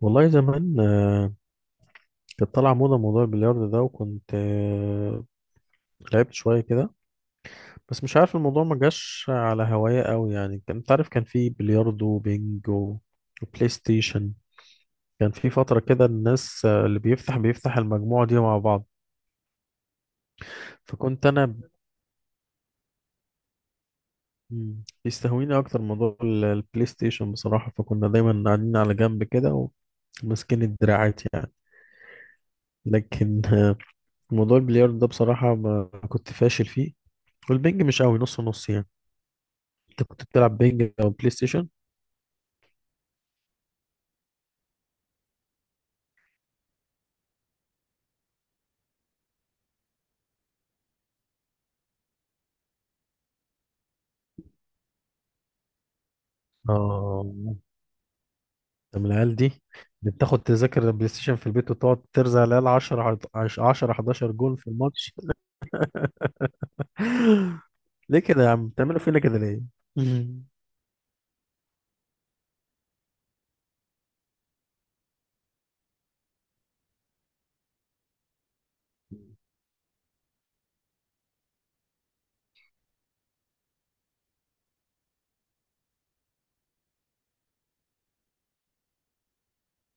والله زمان آه، كانت طالعة موضة موضوع البلياردو ده. وكنت لعبت شوية كده، بس مش عارف الموضوع ما جاش على هواية قوي يعني. كان انت عارف، كان في بلياردو وبينج وبلاي ستيشن. كان في فترة كده الناس اللي بيفتح المجموعة دي مع بعض. فكنت أنا بيستهويني أكتر موضوع البلاي ستيشن بصراحة، فكنا دايما قاعدين على جنب كده وماسكين الدراعات يعني. لكن موضوع البلياردو ده بصراحة ما كنت فاشل فيه. والبنج مش قوي، نص ونص يعني. انت كنت بتلعب بنج او بلاي ستيشن؟ اه، انت من العيال دي اللي بتاخد تذاكر البلاي ستيشن في البيت وتقعد ترزع العيال 10 10 11 جول في الماتش؟ ليه كده يا عم، بتعملوا فينا كده ليه؟ مم.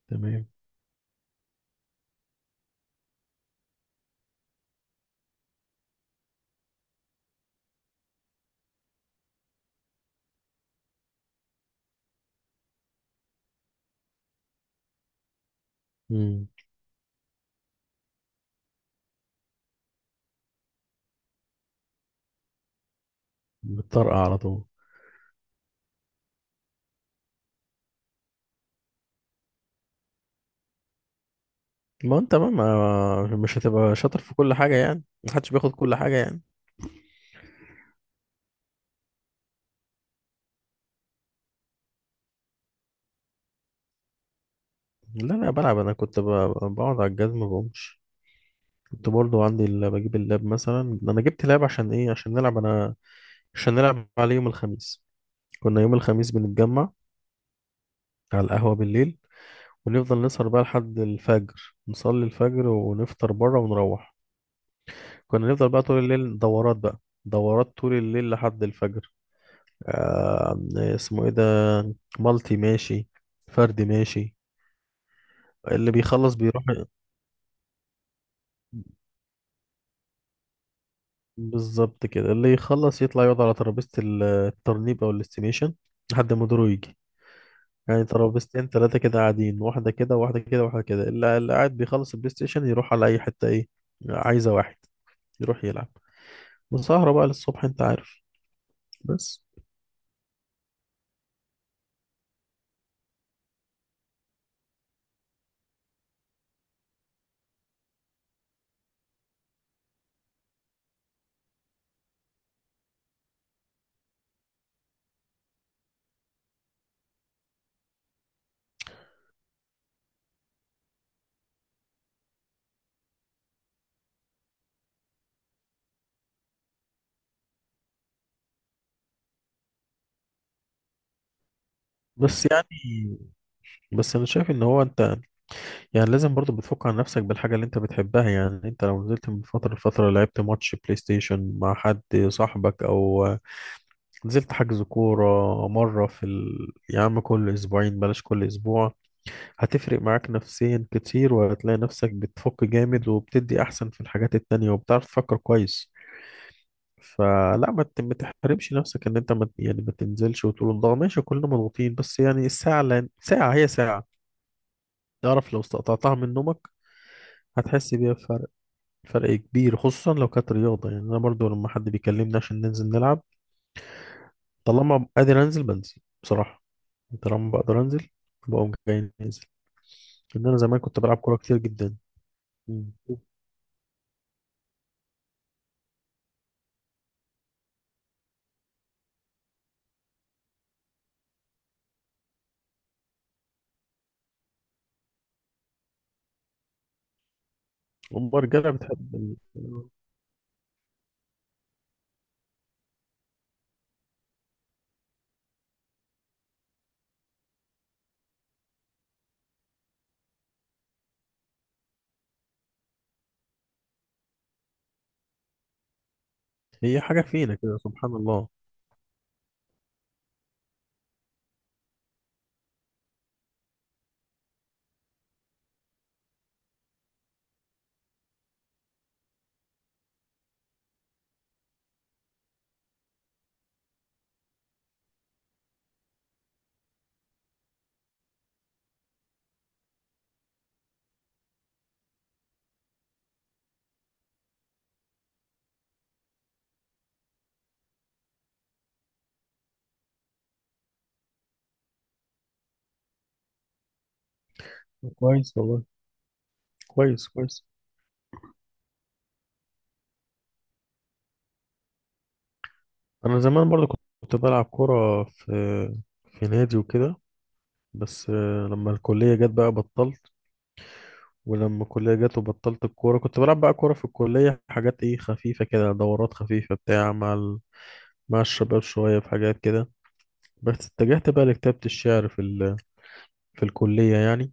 تمام. مم. بتطرقع على طول. ما انت مش هتبقى شاطر في كل حاجة يعني، محدش بياخد كل حاجة يعني. لا لا، بلعب. انا كنت بقعد على الجزمة ما بقومش. كنت برضو عندي بجيب اللاب، مثلا انا جبت لاب عشان ايه؟ عشان نلعب انا، عشان نلعب عليه يوم الخميس. كنا يوم الخميس بنتجمع على القهوة بالليل، ونفضل نسهر بقى لحد الفجر، نصلي الفجر ونفطر بره ونروح. كنا نفضل بقى طول الليل دورات بقى، دورات طول الليل لحد الفجر. اسمه ايه ده؟ مالتي ماشي، فردي ماشي. اللي بيخلص بيروح. بالظبط كده، اللي يخلص يطلع يقعد على ترابيزة الترنيب او الاستيميشن لحد ما دوره يجي. يعني ترابيزتين ثلاثة كده قاعدين، واحدة كده واحدة كده واحدة كده، اللي قاعد بيخلص البلاي ستيشن يروح على أي حتة، إيه عايزة واحد يروح يلعب. وسهرة بقى للصبح، أنت عارف. بس بس يعني بس أنا شايف إن هو أنت يعني لازم برضو بتفك عن نفسك بالحاجة اللي أنت بتحبها يعني. أنت لو نزلت من فترة لفترة لعبت ماتش بلاي ستيشن مع حد، صاحبك أو نزلت حجز كورة مرة يا عم كل أسبوعين، بلاش كل أسبوع، هتفرق معاك نفسيا كتير، وهتلاقي نفسك بتفك جامد، وبتدي احسن في الحاجات التانية، وبتعرف تفكر كويس. فلا ما تحرمش نفسك ان انت ما يعني ما تنزلش وتقول الله ماشي كلنا مضغوطين. بس يعني الساعة، لان ساعة هي ساعة، تعرف لو استقطعتها من نومك هتحس بيها بفرق، فرق كبير، خصوصا لو كانت رياضة. يعني انا برضو لما حد بيكلمني عشان ننزل نلعب، طالما قادر انزل بنزل بصراحة. طالما بقدر انزل بقوم جاي نازل، لان انا زمان كنت بلعب كورة كتير جدا. مم. أم الرجالة بتحب هي حاجة فينا كده، سبحان الله. كويس والله. كويس كويس. أنا زمان برضو كنت بلعب كرة في في نادي وكده، بس لما الكلية جت بقى بطلت. ولما الكلية جت وبطلت الكورة، كنت بلعب بقى كورة في الكلية، حاجات إيه خفيفة كده، دورات خفيفة بتاع مع مع الشباب شوية، في حاجات كده. بس اتجهت بقى لكتابة الشعر في في الكلية يعني.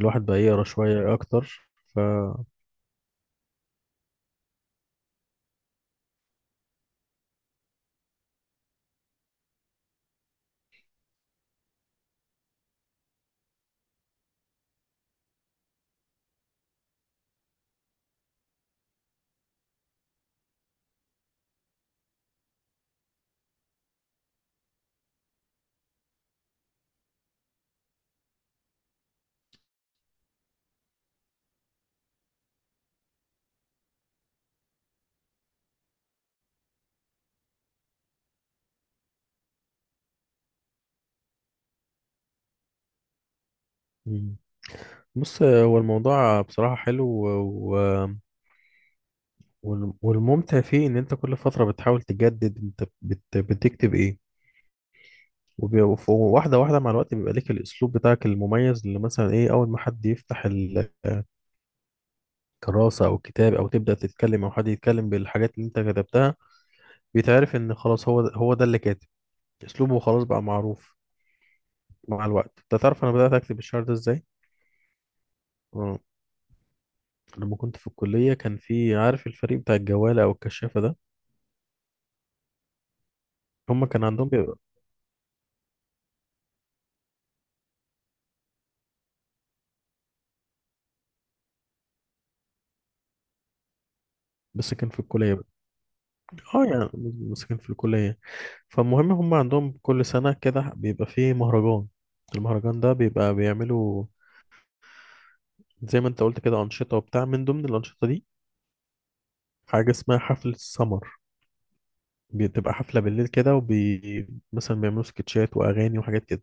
الواحد بقى يقرا شوية أكتر. ف بص، هو الموضوع بصراحة حلو، و... والممتع فيه إن أنت كل فترة بتحاول تجدد أنت بتكتب إيه، وبي- وف- وواحدة واحدة مع الوقت بيبقى ليك الأسلوب بتاعك المميز، اللي مثلا إيه، أول ما حد يفتح الكراسة أو الكتاب أو تبدأ تتكلم أو حد يتكلم بالحاجات اللي أنت كتبتها، بيتعرف إن خلاص هو ده، هو ده اللي كاتب، أسلوبه خلاص بقى معروف مع الوقت. أنت تعرف أنا بدأت أكتب الشعر ده إزاي؟ آه. لما كنت في الكلية كان في، عارف، الفريق بتاع الجوالة أو الكشافة ده؟ هما كان عندهم، بس كان في الكلية بقى. اه يعني، بس كان في الكلية. فالمهم، هم عندهم كل سنة كده بيبقى فيه مهرجان. المهرجان ده بيبقى بيعملوا زي ما انت قلت كده أنشطة وبتاع. من ضمن الأنشطة دي حاجة اسمها حفلة السمر، بتبقى حفلة بالليل كده، وبي مثلا بيعملوا سكتشات وأغاني وحاجات كده.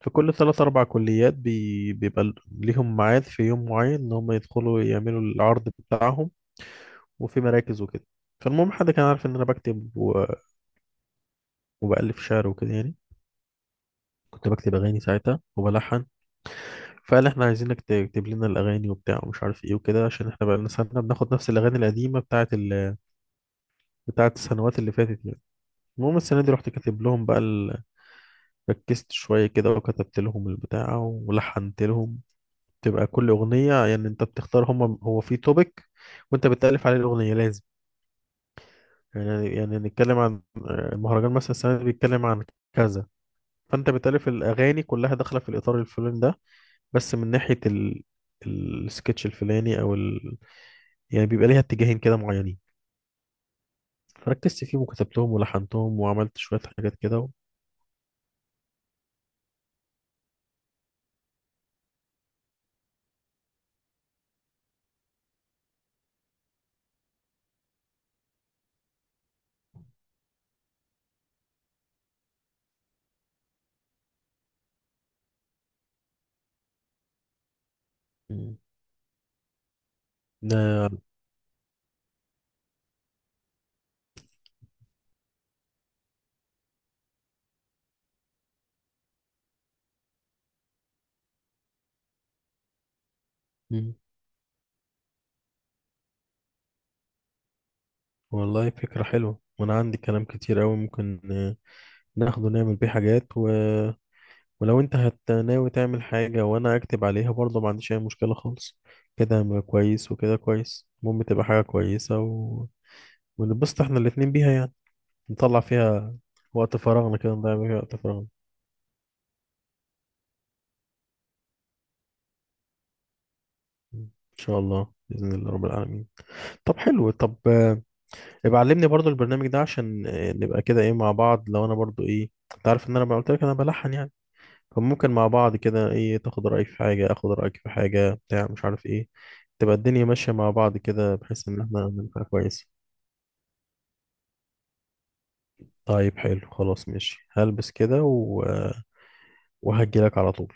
فكل ثلاث أربع كليات بيبقى ليهم ميعاد في يوم معين إن هم يدخلوا يعملوا العرض بتاعهم، وفي مراكز وكده. فالمهم، حد كان عارف إن أنا بكتب وبألف شعر وكده يعني، كنت بكتب اغاني ساعتها وبلحن. فقال احنا عايزينك تكتب لنا الاغاني وبتاع ومش عارف ايه وكده، عشان احنا بقى لنا سنه بناخد نفس الاغاني القديمه بتاعه بتاعه السنوات اللي فاتت يعني. المهم السنه دي رحت كاتب لهم بقى ال، ركزت شويه كده وكتبت لهم البتاع ولحنت لهم. تبقى كل اغنيه يعني انت بتختار، هم هو في توبيك وانت بتالف عليه الاغنيه، لازم يعني نتكلم عن المهرجان مثلا السنه دي بيتكلم عن كذا، فانت بتالف الاغاني كلها داخله في الاطار الفلاني ده، بس من ناحية السكتش الفلاني او يعني بيبقى ليها اتجاهين كده معينين. فركزت فيهم وكتبتهم ولحنتهم وعملت شوية حاجات كده و، مم. ده، مم. والله فكرة حلوة، وانا عندي كلام كتير قوي ممكن ناخده نعمل بيه حاجات. و... ولو انت ناوي تعمل حاجة وانا اكتب عليها برضه ما عنديش اي مشكلة خالص، كده هيبقى كويس، وكده كويس، المهم تبقى حاجة كويسة، و... ونبسط احنا الاتنين بيها يعني. نطلع فيها وقت فراغنا كده، نضيع بيه وقت فراغنا. ان شاء الله باذن الله رب العالمين. طب حلو، طب ابقى علمني برضو البرنامج ده، عشان نبقى كده ايه مع بعض. لو انا برضو ايه، انت عارف ان انا قلت لك انا بلحن يعني، فممكن مع بعض كده ايه تاخد رايي في حاجه، اخد رايك في حاجه، بتاع مش عارف ايه، تبقى الدنيا ماشيه مع بعض كده، بحيث ان احنا نبقى كويس. طيب حلو، خلاص ماشي، هلبس كده و... وهجي لك على طول.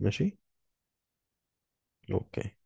ماشي. اوكي.